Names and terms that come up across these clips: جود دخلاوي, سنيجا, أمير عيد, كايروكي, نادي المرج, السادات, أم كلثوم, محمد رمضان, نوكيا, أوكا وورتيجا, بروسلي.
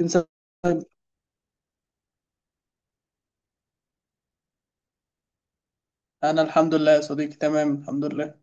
انسى. انا الحمد لله يا صديقي، تمام الحمد لله.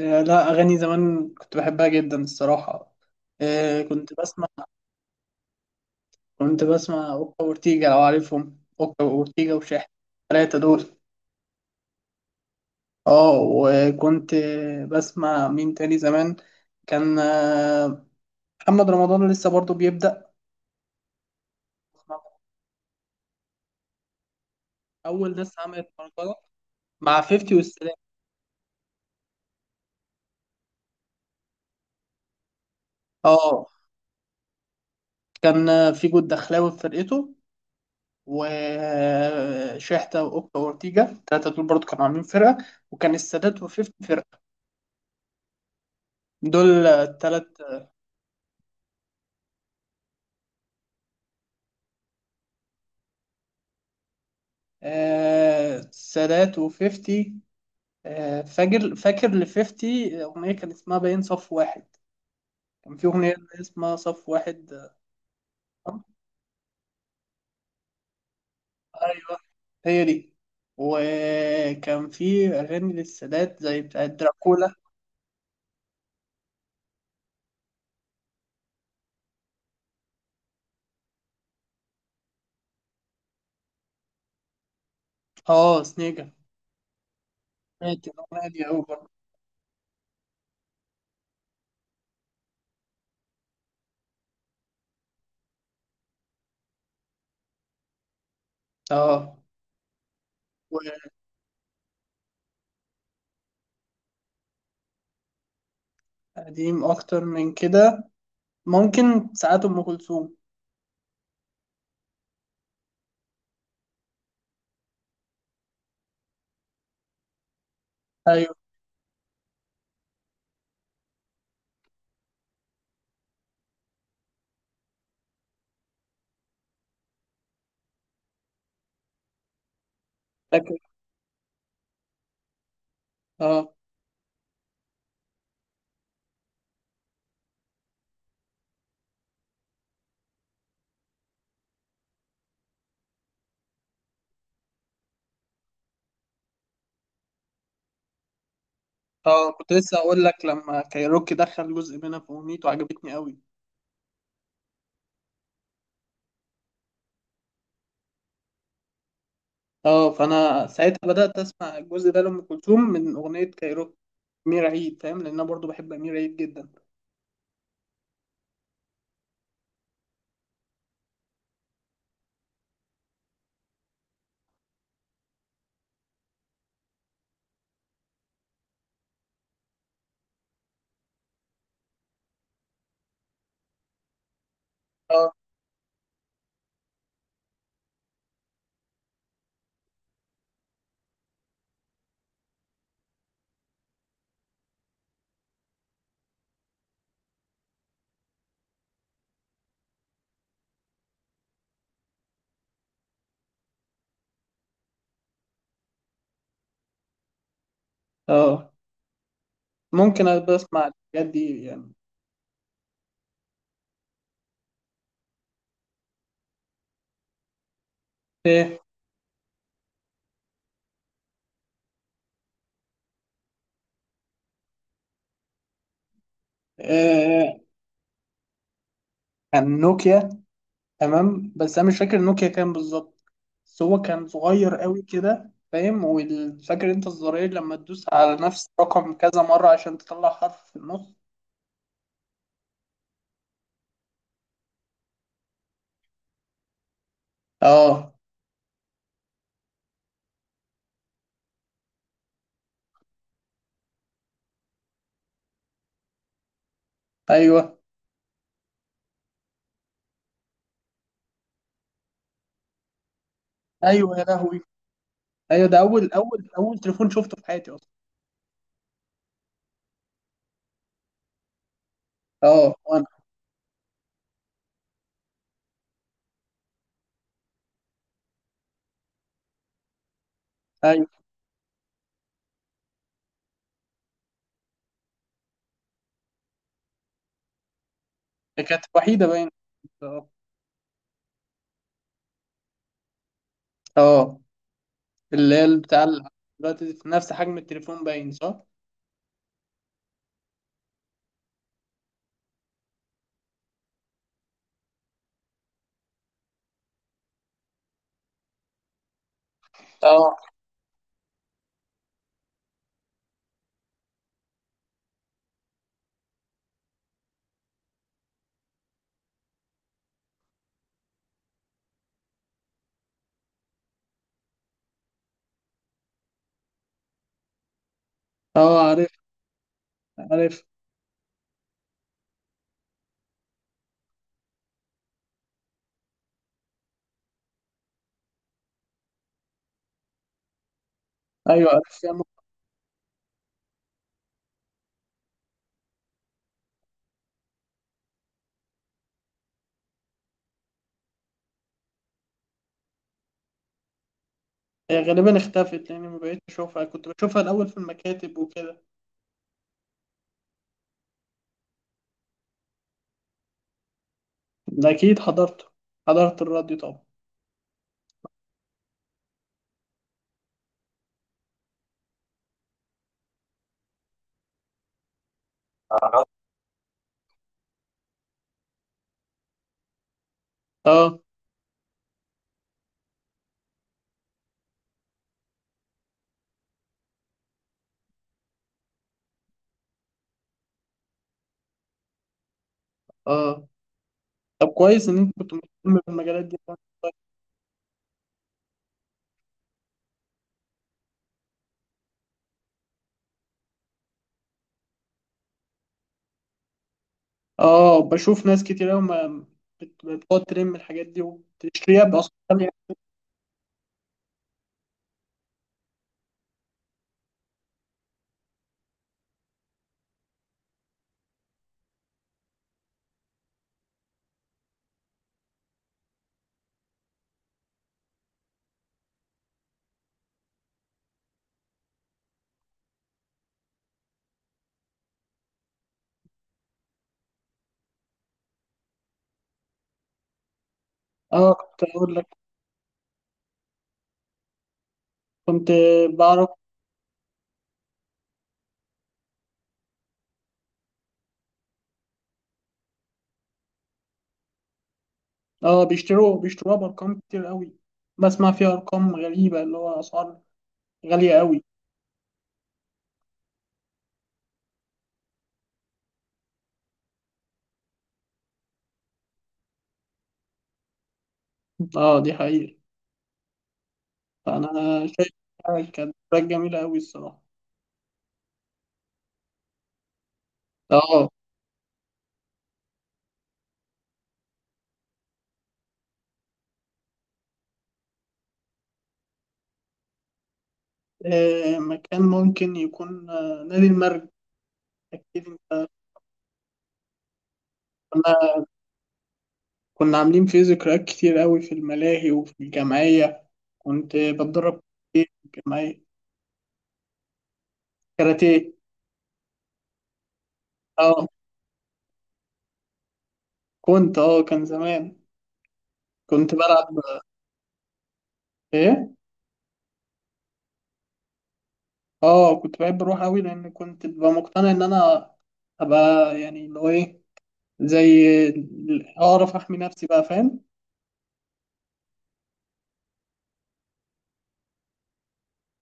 آه، لا، اغاني زمان كنت بحبها جدا الصراحه. آه، كنت بسمع اوكا وورتيجا، لو عارفهم، اوكا وورتيجا وشاحن، الثلاثه دول. اه، وكنت بسمع مين تاني زمان. كان محمد رمضان لسه برضو بيبدأ. اول ناس عملت بركات مع 50 والسلام. اه، كان في جود دخلاوي في فرقته، وشحتة وأوكا وأورتيجا التلاتة دول برضو كانوا عاملين فرقة. وكان السادات وفيفتي فرقة. دول التلات. آه، السادات وفيفتي. آه، فاكر، فاكر لفيفتي أغنية كان اسمها باين صف واحد. كان في أغنية اسمها صف واحد. آه، أيوه، هي دي. وكان في أغاني للسادات زي بتاعت دراكولا. اه، سنيجا، سمعت الأغنية دي أوي برضه. اه، وقديم أكتر من كده ممكن ساعات ام كلثوم. ايوه، فاكر. اه، اه، كنت لسه اقول لك لما كايروكي دخل جزء منها في اغنيته عجبتني قوي. اه، فانا ساعتها بدات اسمع الجزء ده لام كلثوم من اغنيه كايروكي، امير عيد فاهم، لان انا برضو بحب امير عيد جدا. اه، اه، ممكن أبقى اسمع الحاجات دي يعني. ايه؟ آه، عن نوكيا، تمام، بس انا مش فاكر النوكيا كام بالظبط. بس هو كان صغير قوي كده فاهم، وفاكر انت الزرار لما تدوس على نفس الرقم كذا مرة عشان تطلع حرف في النص. اه، ايوه، ايوه، يا لهوي. ايوه، ده اول اول اول تليفون شفته في حياتي اصلا. اه، وانا، ايوه، دي كانت وحيدة باين. اه. آه. اللي هي بتاع دلوقتي في نفس حجم التليفون، باين صح؟ اه، اه، عارف، عارف، ايوه، عارف. هي غالبا اختفت لاني ما بقيتش اشوفها، كنت بشوفها الاول في المكاتب وكده. ده اكيد حضرته، حضرت الراديو طبعا. آه، اه، اه، طب كويس ان انت كنت مهتم بالمجالات دي. اه، بشوف ناس كتير قوي ما بتقعد ترم الحاجات دي وتشتريها باسعار غاليه. اه، كنت اقول لك، كنت بعرف. اه، بيشتروها بارقام كتير قوي. بسمع فيها ارقام غريبه اللي هو اسعار غاليه قوي. اه، دي حقيقه، فانا شايف إنها كانت حاجه جميله قوي الصراحه. اه، مكان ممكن يكون نادي المرج. أكيد أنت، كنا كنا عاملين فيه ذكريات كتير قوي في الملاهي وفي الجمعية. كنت بتدرب كتير في الجمعية كاراتيه. اه، كنت اه كان زمان، كنت بلعب ايه، اه كنت بحب اروح قوي لان كنت ببقى مقتنع ان انا ابقى يعني اللي هو ايه، زي اعرف احمي نفسي بقى فاهم.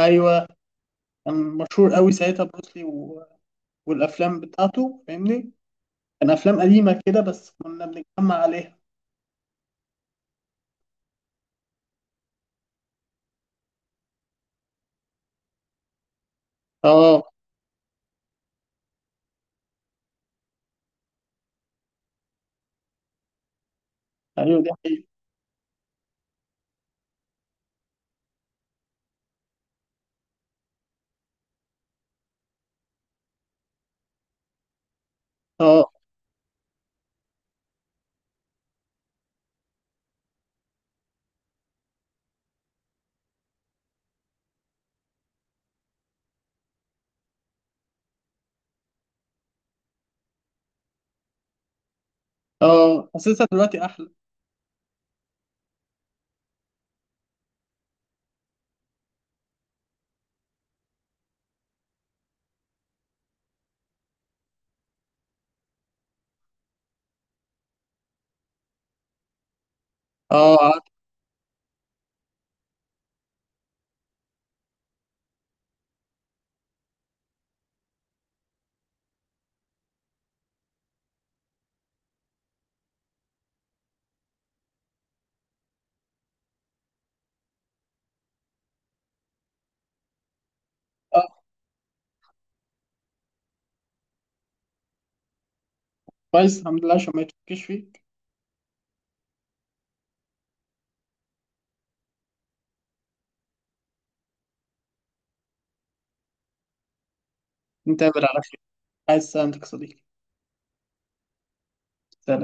ايوه، كان مشهور قوي ساعتها بروسلي والافلام بتاعته فاهمني، كان افلام قديمه كده بس كنا بنتجمع عليها. اه، ايوه، دي حقيقة. اه، اه، حاسسها دلوقتي احلى. اه، عارف. اه، كويس الحمد لله عشان ما يتفكش فيك. نتقابل على خير، عايز سلامتك يا صديقي. سلام.